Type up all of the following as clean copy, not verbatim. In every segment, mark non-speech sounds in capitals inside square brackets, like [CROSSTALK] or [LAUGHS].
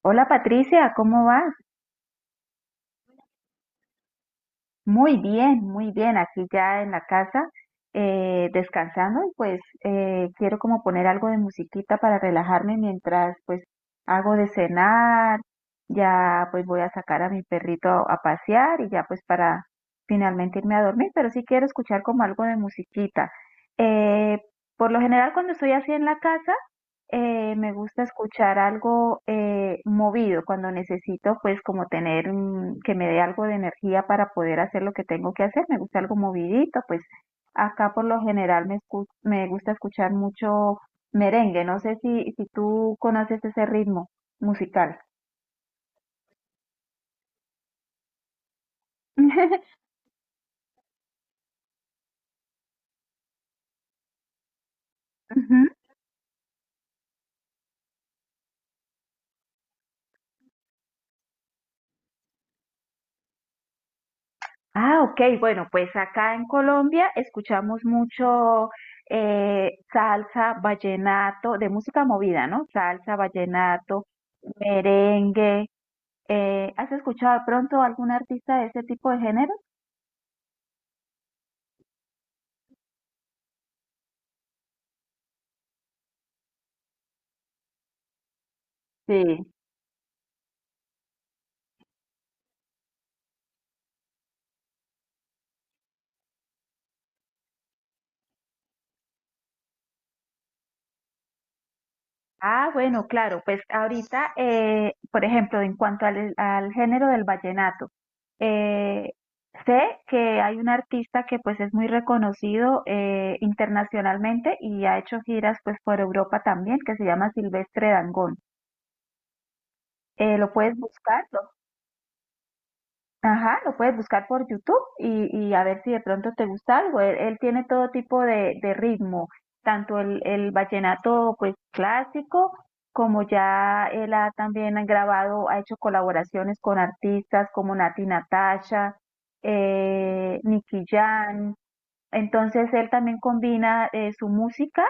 Hola Patricia, ¿cómo vas? Muy bien, aquí ya en la casa, descansando y pues quiero como poner algo de musiquita para relajarme mientras pues hago de cenar, ya pues voy a sacar a mi perrito a pasear y ya pues para finalmente irme a dormir, pero sí quiero escuchar como algo de musiquita. Eh, por lo general cuando estoy así en la casa, me gusta escuchar algo movido cuando necesito, pues como tener que me dé algo de energía para poder hacer lo que tengo que hacer. Me gusta algo movidito, pues acá por lo general me gusta escuchar mucho merengue. No sé si tú conoces ese ritmo musical. [LAUGHS] Ujú. Ah, ok, bueno, pues acá en Colombia escuchamos mucho salsa, vallenato, de música movida, ¿no? Salsa, vallenato, merengue. ¿Has escuchado de pronto algún artista de ese tipo de género? Ah, bueno, claro, pues ahorita, por ejemplo, en cuanto al género del vallenato, eh, sé que hay un artista que pues es muy reconocido internacionalmente y ha hecho giras pues por Europa también, que se llama Silvestre Dangond. ¿Lo puedes buscar? Ajá, lo puedes buscar por YouTube y a ver si de pronto te gusta algo. Él tiene todo tipo de ritmo, tanto el vallenato pues clásico, como ya él ha también ha grabado, ha hecho colaboraciones con artistas como Nati Natasha, Nicky Jam, entonces él también combina su música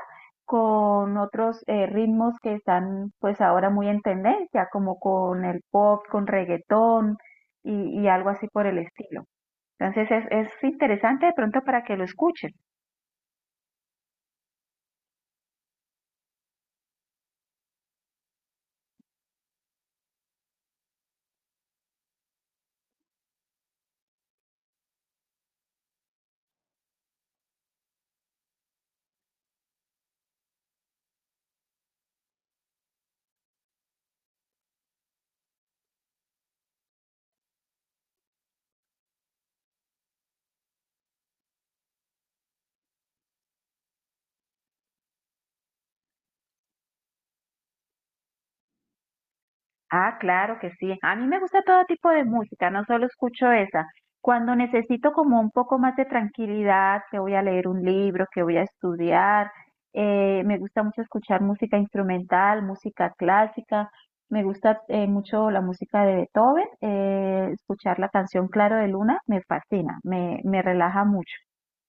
con otros ritmos que están pues ahora muy en tendencia, como con el pop, con reggaetón y algo así por el estilo. Entonces es, es interesante de pronto para que lo escuchen. Ah, claro que sí. A mí me gusta todo tipo de música, no solo escucho esa. Cuando necesito como un poco más de tranquilidad, que voy a leer un libro, que voy a estudiar, me gusta mucho escuchar música instrumental, música clásica, me gusta mucho la música de Beethoven, escuchar la canción Claro de Luna me fascina, me relaja mucho.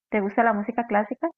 ¿Te gusta la música clásica?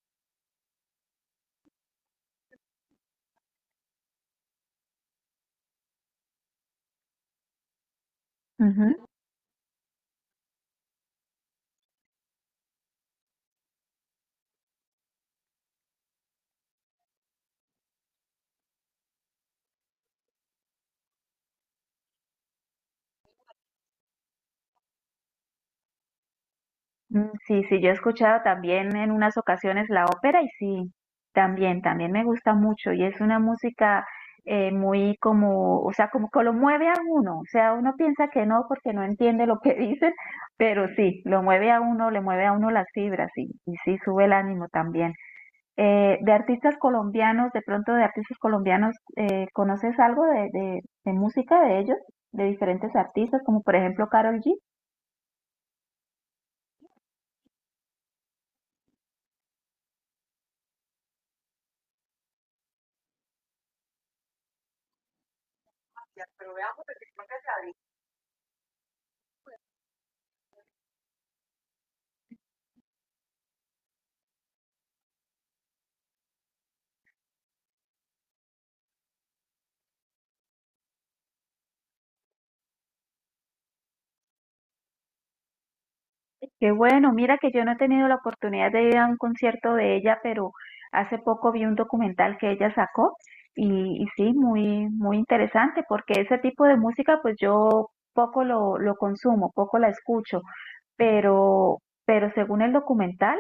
Mm, sí, sí, yo he escuchado también en unas ocasiones la ópera y sí, también, también me gusta mucho y es una música muy como, o sea, como que lo mueve a uno, o sea, uno piensa que no porque no entiende lo que [LAUGHS] dicen, pero sí, lo mueve a uno, le mueve a uno las fibras y sí, sube el ánimo también. De artistas colombianos, de pronto de artistas colombianos, ¿conoces algo de música de ellos, de diferentes artistas, como por ejemplo Karol G? Qué bueno, mira que yo no he tenido la oportunidad de ir a un concierto de ella, pero hace poco vi un documental que ella sacó y sí, muy, muy interesante porque ese tipo de música pues yo poco lo consumo, poco la escucho, pero, pero según el documental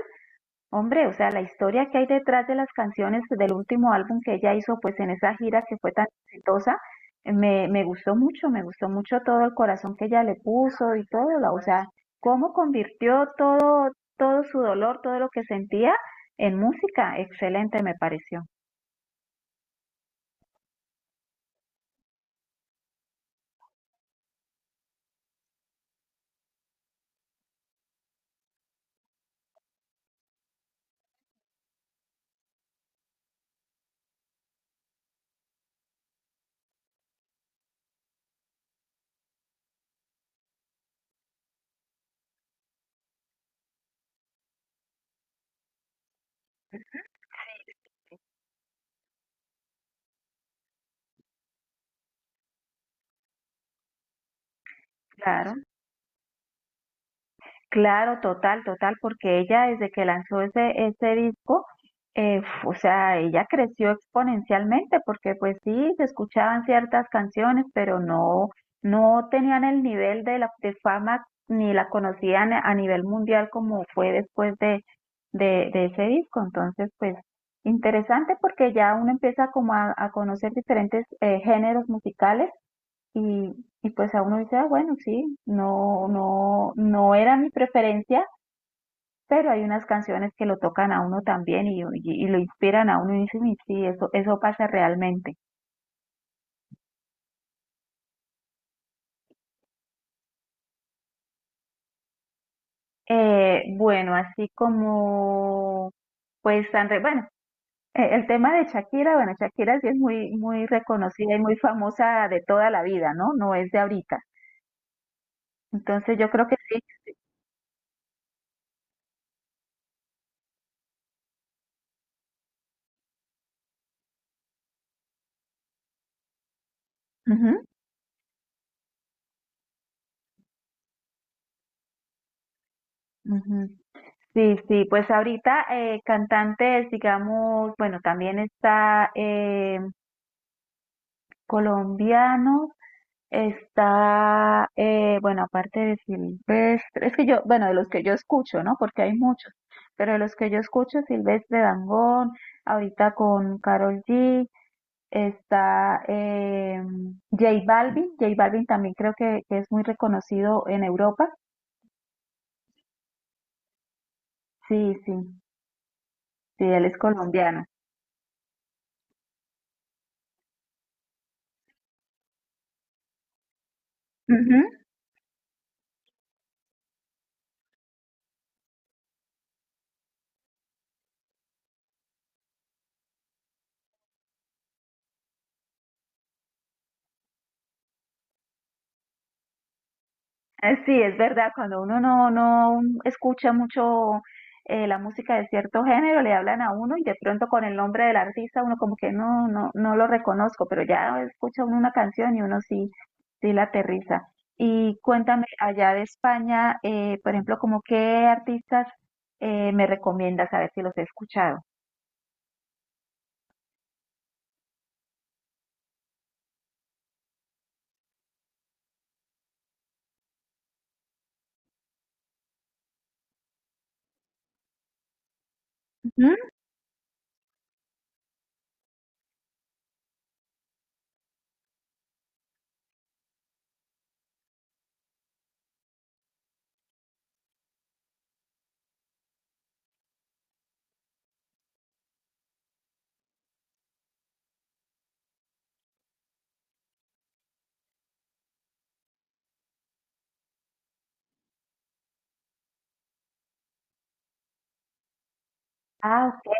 hombre, o sea, la historia que hay detrás de las canciones del último álbum que ella hizo, pues en esa gira que fue tan exitosa, me gustó mucho todo el corazón que ella le puso y todo, o sea, cómo convirtió todo, todo su dolor, todo lo que sentía en música, excelente me pareció, claro. Claro, total, total, porque ella desde que lanzó ese disco, o sea, ella creció exponencialmente, porque pues sí, se escuchaban ciertas canciones, pero no, no tenían el nivel de la de fama ni la conocían a nivel mundial como fue después de ese disco. Entonces, pues interesante porque ya uno empieza como a conocer diferentes géneros musicales y, y pues a uno dice, ah, bueno, sí, no, no, no era mi preferencia, pero hay unas canciones que lo tocan a uno también y lo inspiran a uno y dice, "Uy, sí, eso pasa realmente". Bueno, así como, pues, bueno, el tema de Shakira, bueno, Shakira sí es muy, muy reconocida y muy famosa de toda la vida, ¿no? No es de ahorita. Entonces yo creo que sí. Ujú, ujú. Sí, sí, pues ahorita cantantes, digamos, bueno, también está colombianos, está, bueno, aparte de Silvestre, es que yo, bueno, de los que yo escucho, ¿no? Porque hay muchos, pero de los que yo escucho, Silvestre Dangond, ahorita con Karol G, está J Balvin, J Balvin también creo que es muy reconocido en Europa, sí, sí, sí, él es colombiano. Sí, es verdad, cuando uno no escucha mucho la música de cierto género, le hablan a uno y de pronto con el nombre del artista uno como que no, no, no lo reconozco, pero ya escucha uno una canción y uno sí, sí la aterriza. Y cuéntame, allá de España, por ejemplo, como qué artistas me recomiendas, a ver si los he escuchado. Ujú. Ah, ok.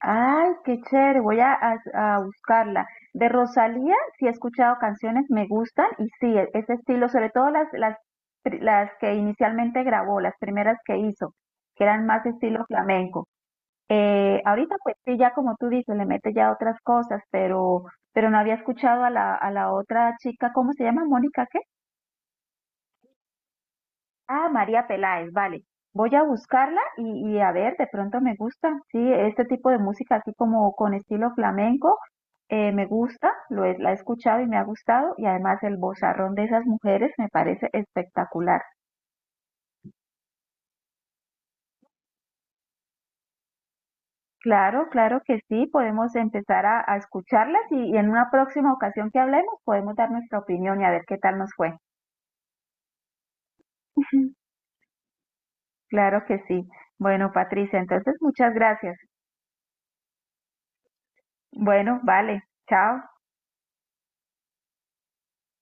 Ay, qué chévere, voy a buscarla. De Rosalía, sí he escuchado canciones, me gustan y sí, ese estilo, sobre todo las que inicialmente grabó, las primeras que hizo, que eran más estilo flamenco. Ahorita pues sí, ya como tú dices, le mete ya otras cosas, pero no había escuchado a a la otra chica, ¿cómo se llama? Mónica, ¿qué? Ah, María Peláez, vale. Voy a buscarla y a ver, de pronto me gusta. Sí, este tipo de música así como con estilo flamenco, me gusta, la he escuchado y me ha gustado. Y además el vozarrón de esas mujeres me parece espectacular. Claro, claro que sí, podemos empezar a escucharlas y en una próxima ocasión que hablemos podemos dar nuestra opinión y a ver qué tal nos fue. [LAUGHS] Claro que sí. Bueno, Patricia, entonces muchas gracias. Bueno, vale, chao.